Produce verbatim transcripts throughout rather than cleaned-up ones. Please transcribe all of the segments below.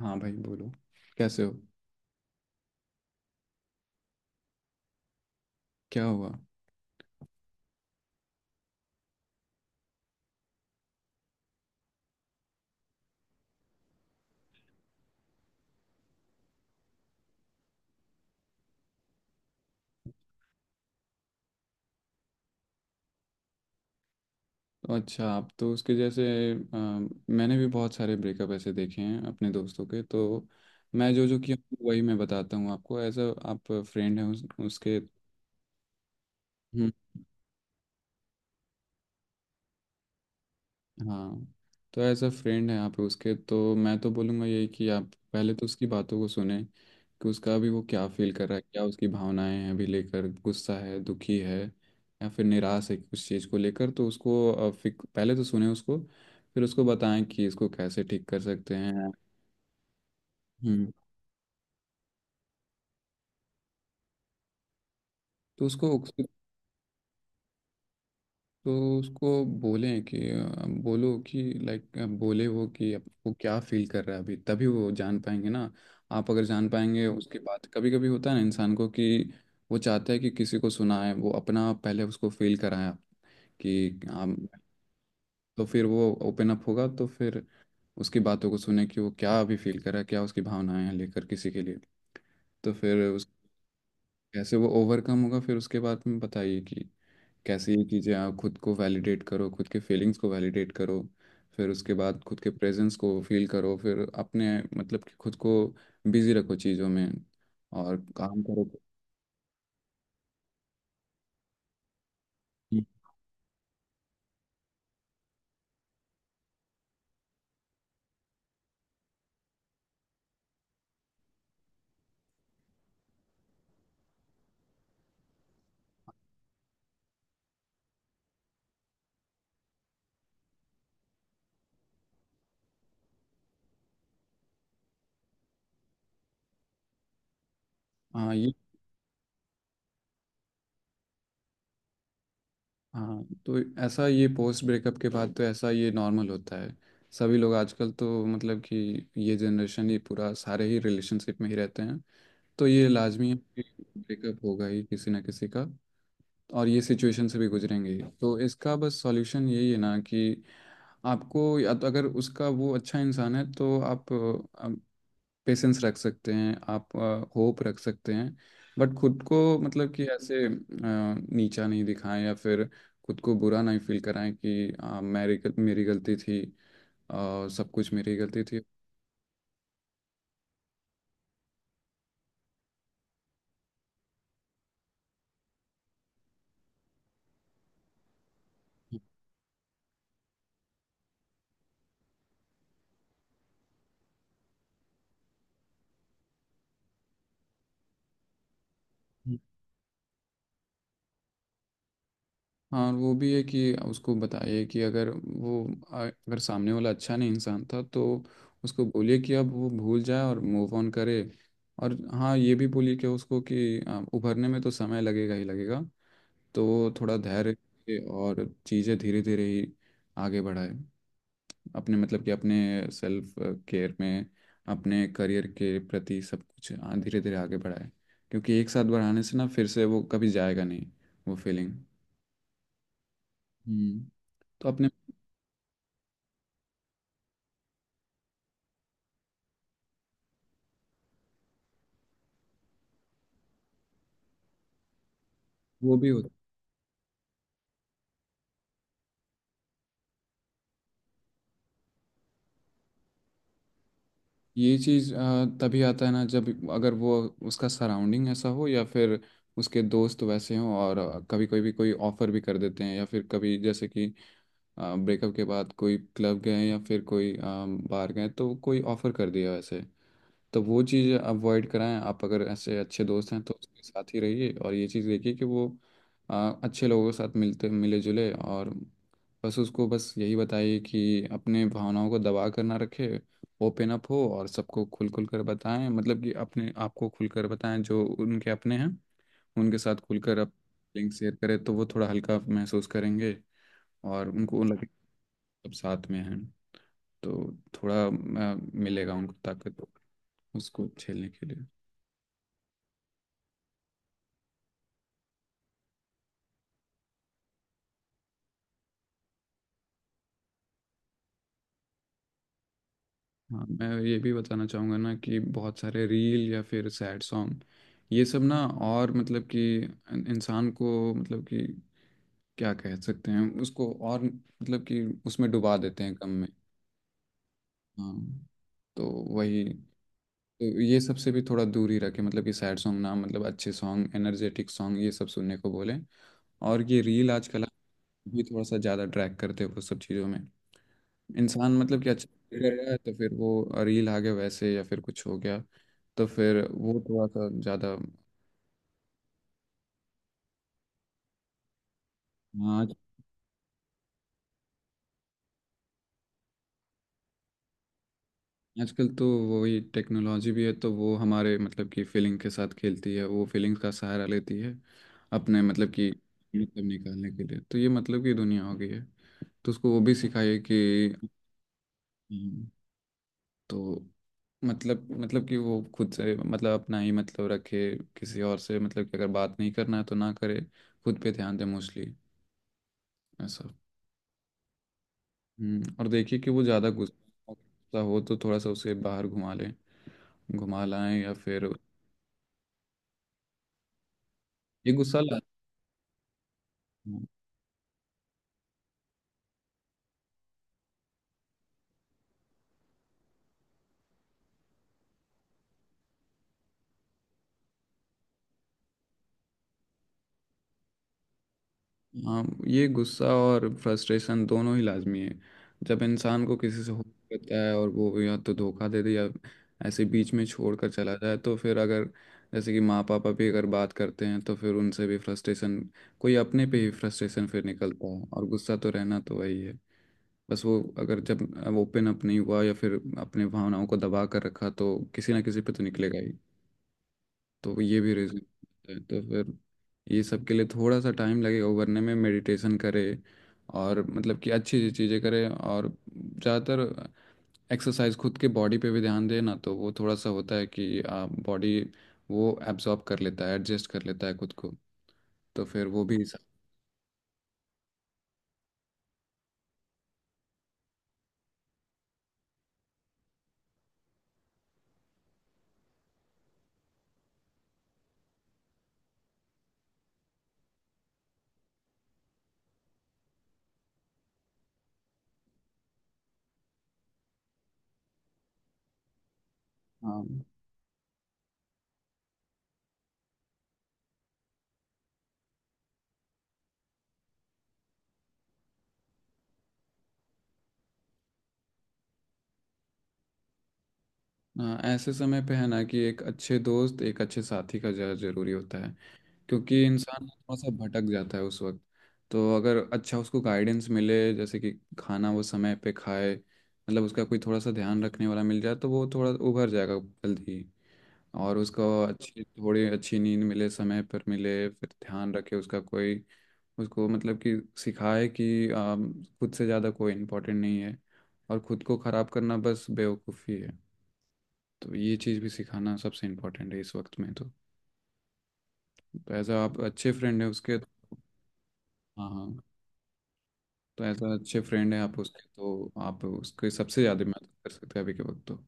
हाँ भाई बोलो। कैसे हो? क्या हुआ? अच्छा, आप तो उसके जैसे अ, मैंने भी बहुत सारे ब्रेकअप ऐसे देखे हैं अपने दोस्तों के। तो मैं जो जो किया वही मैं बताता हूँ आपको। एज अ आप फ्रेंड हैं उस, उसके। हाँ, तो एज अ फ्रेंड है आप उसके, तो मैं तो बोलूँगा यही कि आप पहले तो उसकी बातों को सुने कि उसका अभी वो क्या फील कर रहा है, क्या उसकी भावनाएं हैं अभी लेकर, गुस्सा है, दुखी है या फिर निराश है कुछ चीज़ को लेकर। तो उसको अ, फिक- पहले तो सुने उसको। फिर उसको बताएं कि इसको कैसे ठीक कर सकते हैं। हम्म। तो उसको, तो उसको बोलें कि अ, बोलो कि लाइक बोले वो कि आप- वो क्या फील कर रहा है अभी, तभी वो जान पाएंगे ना। आप अगर जान पाएंगे, हम्म, उसके बाद कभी कभी होता है ना इंसान को कि वो चाहता है कि किसी को सुनाए वो अपना। पहले उसको फील कराए आप कि आप। तो फिर वो ओपन अप होगा, तो फिर उसकी बातों को सुने कि वो क्या अभी फील कर रहा है, क्या उसकी भावनाएं हैं लेकर किसी के लिए। तो फिर उस कैसे वो ओवरकम होगा, फिर उसके बाद में बताइए कि कैसे ये चीज़ें। आप खुद को वैलिडेट करो, खुद के फीलिंग्स को वैलिडेट करो। फिर उसके बाद खुद के प्रेजेंस को फील करो। फिर अपने मतलब कि खुद को बिजी रखो चीज़ों में और काम करो। हाँ ये। हाँ, तो ऐसा ये पोस्ट ब्रेकअप के बाद तो ऐसा ये नॉर्मल होता है। सभी लोग आजकल तो मतलब कि ये जनरेशन ही पूरा सारे ही रिलेशनशिप में ही रहते हैं। तो ये लाजमी है कि ब्रेकअप होगा ही किसी ना किसी का और ये सिचुएशन से भी गुजरेंगे ही। तो इसका बस सॉल्यूशन यही है ना कि आपको या तो, अगर उसका वो अच्छा इंसान है तो आप पेशेंस रख सकते हैं, आप होप रख सकते हैं। बट खुद को मतलब कि ऐसे अ, नीचा नहीं दिखाएं या फिर खुद को बुरा नहीं फील कराएं कि अ, मेरी गल- मेरी गलती थी। अ, सब कुछ मेरी गलती थी। हाँ और वो भी है कि उसको बताइए कि अगर वो आ- अगर सामने वाला अच्छा नहीं इंसान था, तो उसको बोलिए कि अब वो भूल जाए और मूव ऑन करे। और हाँ ये भी बोलिए कि उसको कि आ, उभरने में तो समय लगेगा ही लगेगा। तो वो थोड़ा धैर्य रखे और चीज़ें धीरे धीरे ही आगे बढ़ाए। अपने मतलब कि अपने सेल्फ केयर में, अपने करियर के प्रति सब कुछ धीरे धीरे आगे बढ़ाए। क्योंकि एक साथ बढ़ाने से ना फिर से वो कभी जाएगा नहीं वो फीलिंग। हम्म। तो अपने वो भी होता। ये चीज आ, तभी आता है ना जब अगर वो उसका सराउंडिंग ऐसा हो या फिर उसके दोस्त वैसे हों और आ, कभी कोई भी कोई ऑफर भी कर देते हैं या फिर कभी जैसे कि ब्रेकअप के बाद कोई क्लब गए या फिर कोई आ, बाहर गए तो कोई ऑफर कर दिया वैसे। तो वो चीज़ अवॉइड कराएं आप। अगर ऐसे अच्छे दोस्त हैं तो उसके साथ ही रहिए और ये चीज़ देखिए कि वो आ, अच्छे लोगों के साथ मिलते मिले जुले। और बस उसको बस यही बताइए कि अपने भावनाओं को दबा कर ना रखे। ओपन अप हो और सबको खुल खुल कर बताएं मतलब कि अपने आपको खुल कर बताएं जो उनके अपने हैं, उनके साथ खुल कर आप लिंक शेयर करें तो वो थोड़ा हल्का महसूस करेंगे और उनको लगे सब साथ में हैं। तो थोड़ा आ, मिलेगा उनको ताकत उसको झेलने के लिए। हाँ, मैं ये भी बताना चाहूँगा ना कि बहुत सारे रील या फिर सैड सॉन्ग ये सब ना और मतलब कि इन- इंसान को मतलब कि क्या कह सकते हैं उसको और मतलब कि उसमें डुबा देते हैं गम में। हाँ, तो वही। तो ये सब से भी थोड़ा दूर ही रखें। मतलब कि सैड सॉन्ग ना, मतलब अच्छे सॉन्ग, एनर्जेटिक सॉन्ग ये सब सुनने को बोलें। और ये रील आजकल भी थोड़ा सा ज़्यादा ड्रैग करते हैं वो सब चीज़ों में। इंसान मतलब कि अच्छा करेगा तो फिर वो रील आ गया वैसे या फिर कुछ हो गया, तो फिर वो थोड़ा सा ज़्यादा। आज आजकल तो वही टेक्नोलॉजी भी है, तो वो हमारे मतलब कि फीलिंग के साथ खेलती है, वो फीलिंग्स का सहारा लेती है अपने मतलब कि मतलब निकालने के लिए। तो ये मतलब कि दुनिया हो गई है। तो उसको वो भी सिखाइए कि हम्म, तो मतलब, मतलब कि वो खुद से मतलब अपना ही मतलब रखे। किसी और से मतलब कि अगर बात नहीं करना है तो ना करे। खुद पे ध्यान दे मोस्टली, ऐसा। हम्म। और देखिए कि वो ज़्यादा गुस्सा गुस्सा हो तो थोड़ा सा उसे बाहर घुमा लें, घुमा लाएं या फिर ये गुस्सा ला। हाँ, हाँ, ये गुस्सा और फ्रस्ट्रेशन दोनों ही लाजमी है। जब इंसान को किसी से हो रहता है और वो या तो धोखा दे दे या ऐसे बीच में छोड़ कर चला जाए, तो फिर अगर जैसे कि माँ पापा भी अगर बात करते हैं तो फिर उनसे भी फ्रस्ट्रेशन, कोई अपने पे ही फ्रस्ट्रेशन फिर निकलता है। और गुस्सा तो रहना तो वही है। बस वो अगर जब ओपन अप नहीं हुआ या फिर अपने भावनाओं को दबा कर रखा, तो किसी ना किसी पे तो निकलेगा ही। तो ये भी रीजन है। तो फिर ये सब के लिए थोड़ा सा टाइम लगेगा उभरने में। मेडिटेशन करे और मतलब कि अच्छी चीज़ें करे और ज़्यादातर एक्सरसाइज, खुद के बॉडी पे भी ध्यान दे ना, तो वो थोड़ा सा होता है कि आप बॉडी वो एब्जॉर्ब कर लेता है, एडजस्ट कर लेता है खुद को। तो फिर वो भी। हाँ, हाँ, ऐसे समय पे है ना कि एक अच्छे दोस्त, एक अच्छे साथी का ज़्यादा जरूरी होता है। क्योंकि इंसान थोड़ा सा भटक जाता है उस वक्त। तो अगर अच्छा उसको गाइडेंस मिले, जैसे कि खाना वो समय पे खाए, मतलब उसका कोई थोड़ा सा ध्यान रखने वाला मिल जाए तो वो थोड़ा उभर जाएगा जल्दी ही। और उसको अच्छी थोड़ी अच्छी नींद मिले, समय पर मिले, फिर ध्यान रखे उसका कोई। उसको मतलब कि सिखाए कि आम, खुद से ज़्यादा कोई इम्पोर्टेंट नहीं है। और खुद को ख़राब करना बस बेवकूफ़ी है। तो ये चीज़ भी सिखाना सबसे इम्पोर्टेंट है इस वक्त में तो। एज आप अच्छे फ्रेंड हैं उसके तो। हाँ हाँ, तो एज अ अच्छे फ्रेंड हैं आप उसके, तो आप उसके सबसे ज़्यादा मदद कर सकते हैं अभी के वक्त तो।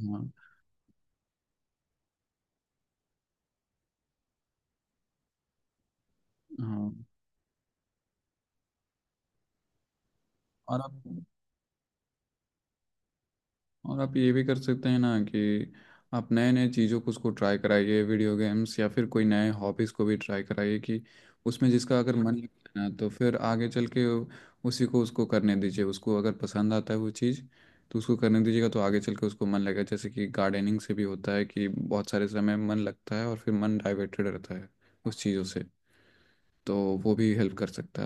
हाँ। हाँ और आप, और आप ये भी कर सकते हैं ना कि आप नए नए चीज़ों को उसको ट्राई कराइए, वीडियो गेम्स या फिर कोई नए हॉबीज़ को भी ट्राई कराइए कि उसमें जिसका अगर मन लगता है ना तो फिर आगे चल के उसी को उसको करने दीजिए। उसको अगर पसंद आता है वो चीज़ तो उसको करने दीजिएगा तो आगे चल के उसको मन लगेगा। जैसे कि गार्डनिंग से भी होता है कि बहुत सारे समय मन लगता है और फिर मन डाइवर्टेड रहता है उस चीज़ों से। तो वो भी हेल्प कर सकता है।